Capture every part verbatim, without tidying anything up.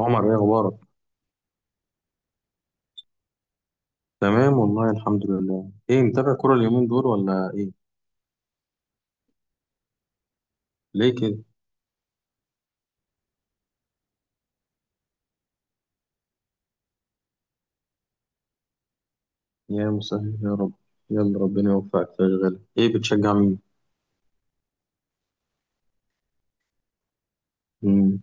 عمر، ايه اخبارك؟ تمام والله الحمد لله. ايه، متابع كرة اليومين دول ولا ايه؟ ليه كده؟ يا مسهل يا رب. يلا ربنا يوفقك في اشغالك. ايه بتشجع مين؟ مم.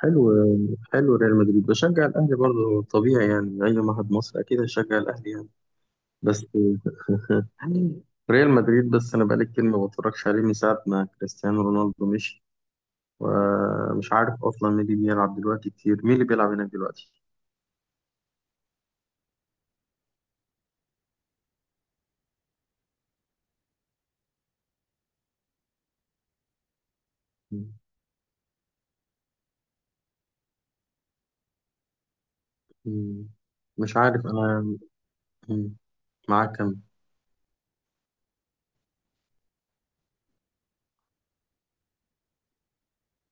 حلو. حلو، ريال مدريد. بشجع الاهلي برضه، طبيعي يعني، اي واحد مصري اكيد هيشجع الاهلي يعني. بس يعني، ريال مدريد بس انا بقالي كتير ما بتفرجش عليه من ساعة ما كريستيانو رونالدو مشي. ومش عارف اصلا مين اللي بيلعب دلوقتي، كتير مين اللي بيلعب هناك دلوقتي. مم. مم. مش عارف انا. مم. معاك كم؟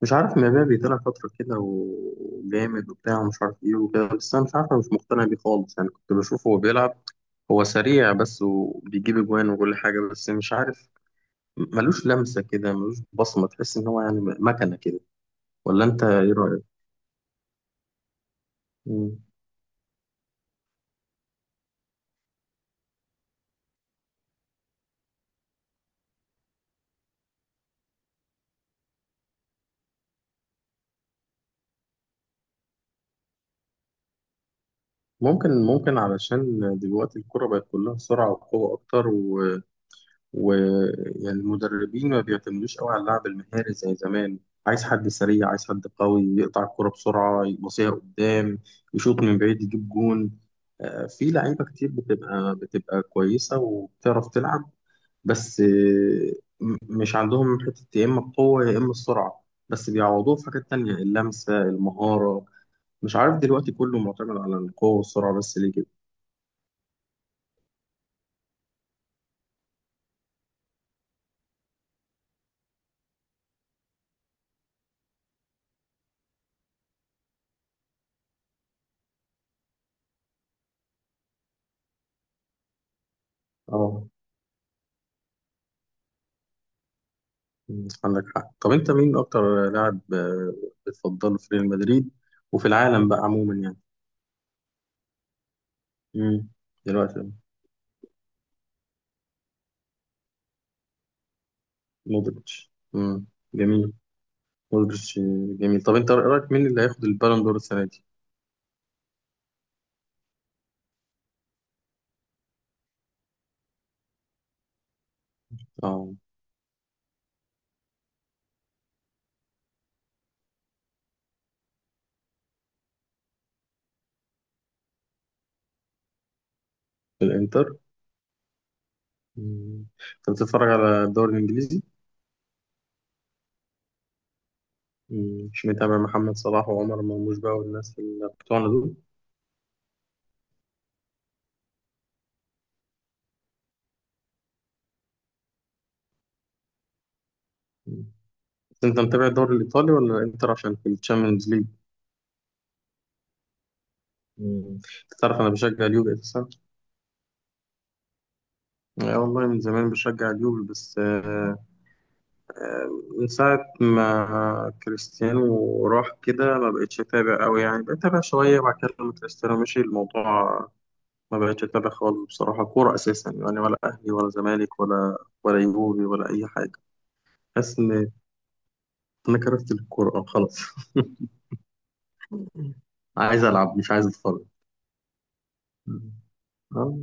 مش عارف، مبابي طلع فترة كده وجامد وبتاع ومش عارف ايه وكده، بس أنا مش عارف، أنا مش مقتنع بيه خالص يعني. كنت بشوفه وهو بيلعب، هو سريع بس وبيجيب أجوان وكل حاجة، بس مش عارف. ملوش لمسة كده، ملوش بصمة، تحس إن هو يعني مكنة كده. ولا أنت إيه رأيك؟ مم. ممكن ممكن علشان دلوقتي الكرة بقت كلها سرعة وقوة أكتر. ويعني المدربين ما بيعتمدوش قوي على اللعب المهاري زي زمان. عايز حد سريع، عايز حد قوي يقطع الكرة بسرعة، يبصيها قدام، يشوط من بعيد، يجيب جون. آه، في لعيبة كتير بتبقى بتبقى كويسة وبتعرف تلعب. بس آه، م- مش عندهم حتة، يا إما القوة يا إما السرعة، بس بيعوضوه في حاجات تانية، اللمسة، المهارة. مش عارف، دلوقتي كله معتمد على القوة والسرعة بس، ليه كده؟ اه. مم، عندك حق. طب انت مين اكتر لاعب آه، بتفضله في ريال مدريد وفي العالم بقى عموما يعني؟ مم. دلوقتي مودريتش. مم. جميل. مودريتش آه، جميل. طب انت رايك مين اللي هياخد البالون دور السنه دي؟ اه الانتر. مم. انت بتتفرج على الدوري الانجليزي؟ مم. مش متابع محمد صلاح وعمر مرموش بقى والناس اللي بتوعنا دول؟ مم. بس انت متابع الدوري الايطالي ولا الانتر عشان في الشامبيونز ليج؟ مم. انت تعرف انا بشجع اليوفي اساسا. لا والله، من زمان بشجع اليوفي بس آه، آه، من ساعة ما كريستيانو راح كده ما بقتش أتابع أوي يعني. بقيت أتابع شوية بعد كده لما كريستيانو مشي. الموضوع ما بقتش أتابع خالص بصراحة كورة أساسا يعني، ولا أهلي ولا زمالك ولا، ولا يوفي ولا أي حاجة. حاسس إن أنا كرفت الكورة خلاص. عايز ألعب مش عايز أتفرج. آه،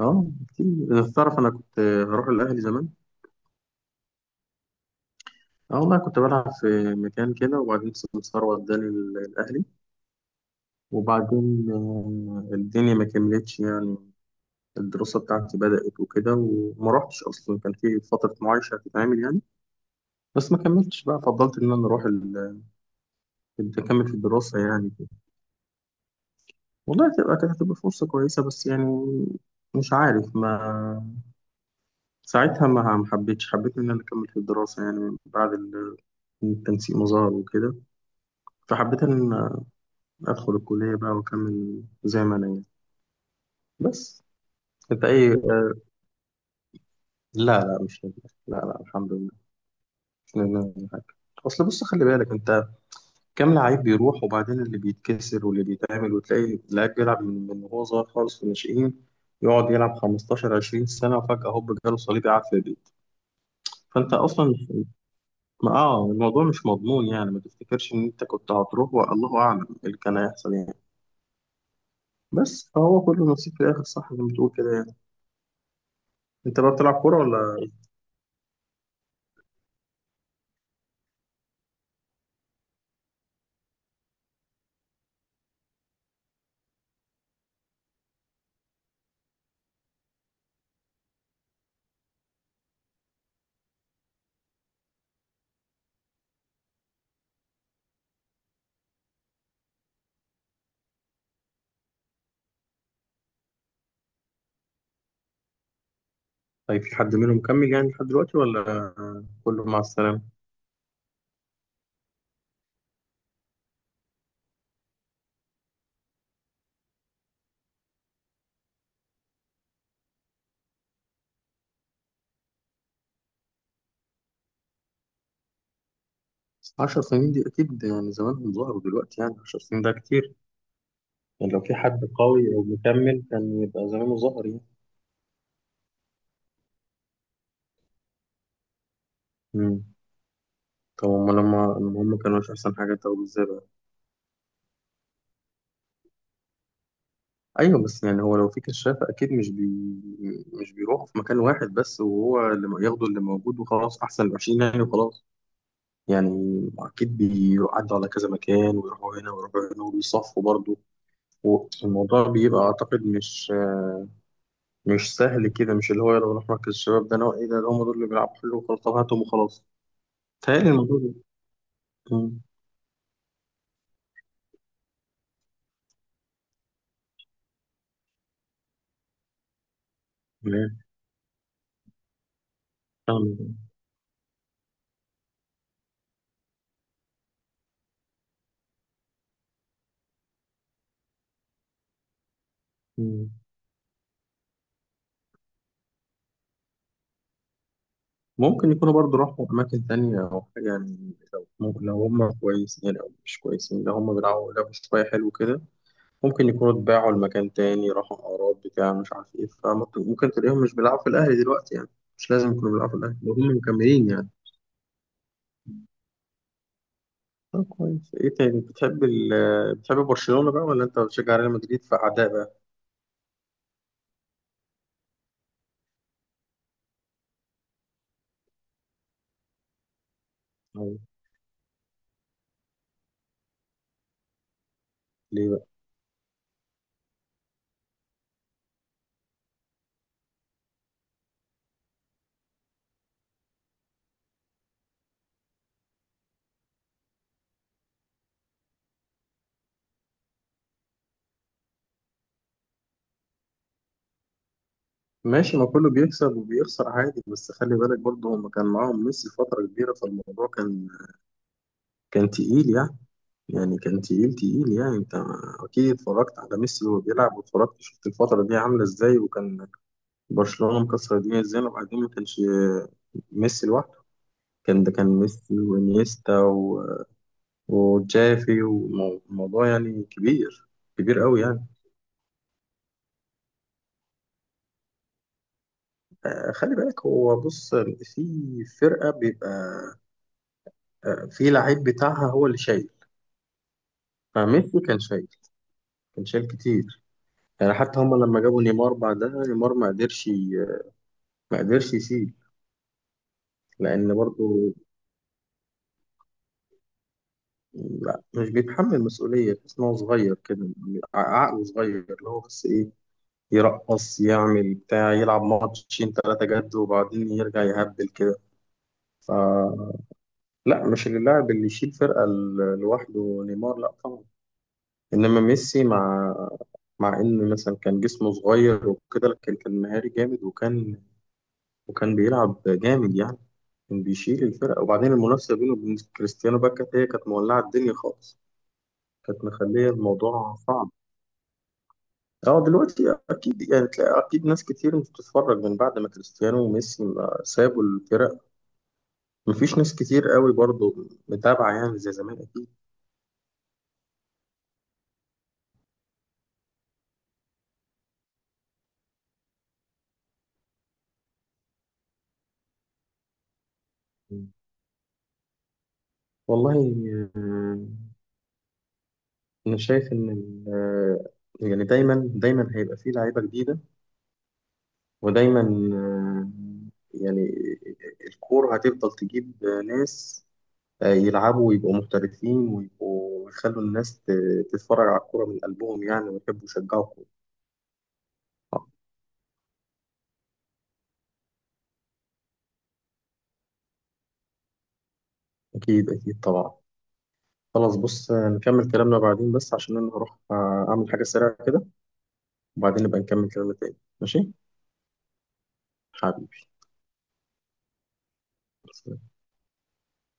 آه كتير. تعرف أنا كنت هروح الأهلي زمان. اه والله، كنت بلعب في مكان كده وبعدين سمسار وداني ال- الأهلي. وبعدين آه، الدنيا ما كملتش يعني. الدراسة بتاعتي بدأت وكده وما رحتش. أصلا كان في فترة معايشة هتتعمل يعني، بس ما كملتش بقى. فضلت إن أنا أروح ال- أكمل في الدراسة يعني كده. والله تبقى كانت هتبقى فرصة كويسة، بس يعني مش عارف. ما ساعتها ما ما حبيتش، حبيت إن أنا أكمل في الدراسة يعني بعد ال- التنسيق مظهر وكده. فحبيت إن أدخل الكلية بقى وأكمل زي ما أنا يعني. بس انت اي آه، لا لا مش ندمان، لا لا الحمد لله. مش ندمان على حاجه. اصل بص، خلي بالك انت كام لعيب بيروح وبعدين اللي بيتكسر واللي بيتعمل، وتلاقي لعيب بيلعب من من وهو صغير خالص في الناشئين، يقعد يلعب خمستاشر عشرين سنة سنه وفجاه هوب جاله صليبي قاعد في البيت. فانت اصلا ما اه الموضوع مش مضمون يعني. ما تفتكرش ان انت كنت هتروح، والله اعلم ايه اللي كان هيحصل يعني. بس هو كله نصيب في الاخر، صح؟ زي ما بتقول كده يعني. انت بقى بتلعب كوره ولا؟ طيب في حد منهم مكمل يعني لحد دلوقتي ولا كله مع السلامه؟ 10 سنين دي أكيد يعني زمانهم ظهروا دلوقتي، يعني 10 سنين ده كتير. يعني لو في حد قوي أو مكمل كان يبقى زمانه ظهر يعني. مم. طب هما لما لما هما كانوا مش أحسن حاجة، طب إزاي بقى؟ أيوه بس يعني هو لو في كشاف أكيد مش بي مش بيروحوا في مكان واحد بس وهو اللي م- ياخدوا اللي موجود وخلاص، أحسن العشرين يعني وخلاص. يعني أكيد بيعدوا على كذا مكان، ويروحوا هنا ويروحوا هنا وبيصفوا برضه. والموضوع بيبقى أعتقد مش مش سهل كده. مش اللي هو يلا نروح مركز الشباب ده نوع ايه ده، ده هم دول اللي بيلعبوا حلو وخلاص، طب هاتهم وخلاص. تهيألي الموضوع ده. مم. لا. فاهم. مم. ممكن يكونوا برضو راحوا أماكن تانية أو حاجة يعني، لو ممكن لو هم كويسين يعني أو مش كويسين، لو هم بيلعبوا لعبوا شوية حلو كده، ممكن يكونوا اتباعوا لمكان تاني راحوا أعراض بتاع مش عارف إيه. فممكن تلاقيهم مش بيلعبوا في الأهلي دلوقتي يعني. مش لازم يكونوا بيلعبوا في الأهلي لو هم مكملين يعني. طب كويس. إيه تاني، بتحب ال بتحب برشلونة بقى ولا أنت بتشجع ريال مدريد فأعداء بقى؟ ليه بقى؟ ماشي، ما كله بيكسب وبيخسر عادي، بس خلي بالك برضه هم كان معاهم ميسي فترة كبيرة، فالموضوع كان كان تقيل يعني. يعني كان تقيل تقيل يعني. انت اكيد اتفرجت على ميسي وهو بيلعب، واتفرجت شفت الفترة دي عاملة ازاي، وكان برشلونة مكسر الدنيا ازاي. وبعدين ما كانش ميسي لوحده. كان ده كان ميسي وانيستا و- وجافي، والموضوع يعني كبير، كبير قوي يعني. خلي بالك، هو بص، في فرقة بيبقى في لعيب بتاعها هو اللي شايل. فميسي كان شايل كان شايل كتير. يعني حتى هما لما جابوا نيمار بعدها نيمار ما قدرش ي- ما قدرش يشيل. لأن برضه، لا مش بيتحمل مسؤولية، تحس إن هو صغير كده، ع- عقله صغير اللي هو بس إيه، يرقص يعمل بتاع، يلعب ماتشين تلاتة جد وبعدين يرجع يهبل كده. فلا، مش اللاعب اللي يشيل فرقة ال- لوحده نيمار، لا طبعا. إنما ميسي، مع مع إن مثلا كان جسمه صغير وكده، لكن كان مهاري جامد، وكان وكان بيلعب جامد يعني. كان بيشيل الفرقة. وبعدين المنافسة بينه وبين كريستيانو بقى كانت، هي كانت مولعة الدنيا خالص. كانت مخلية الموضوع صعب. اه دلوقتي اكيد يعني، تلاقي اكيد ناس كتير مش بتتفرج من بعد ما كريستيانو وميسي ما سابوا الفرق. مفيش ناس كتير قوي برضو متابعة يعني زي زمان اكيد. والله. آه، انا شايف ان ال- آه، يعني دايما دايما هيبقى فيه لعيبة جديدة. ودايما آه، يعني الكورة هتفضل تجيب ناس آه، يلعبوا ويبقوا محترفين ويبقوا يخلوا الناس ت- تتفرج على الكورة من قلبهم يعني، ويحبوا يشجعوا الكورة. آه، أكيد أكيد طبعا. خلاص بص، آه، نكمل كلامنا بعدين بس عشان أنا هروح آه، أعمل حاجة سريعة كده. وبعدين نبقى نكمل كلامنا تاني، ماشي؟ حبيبي. سلام.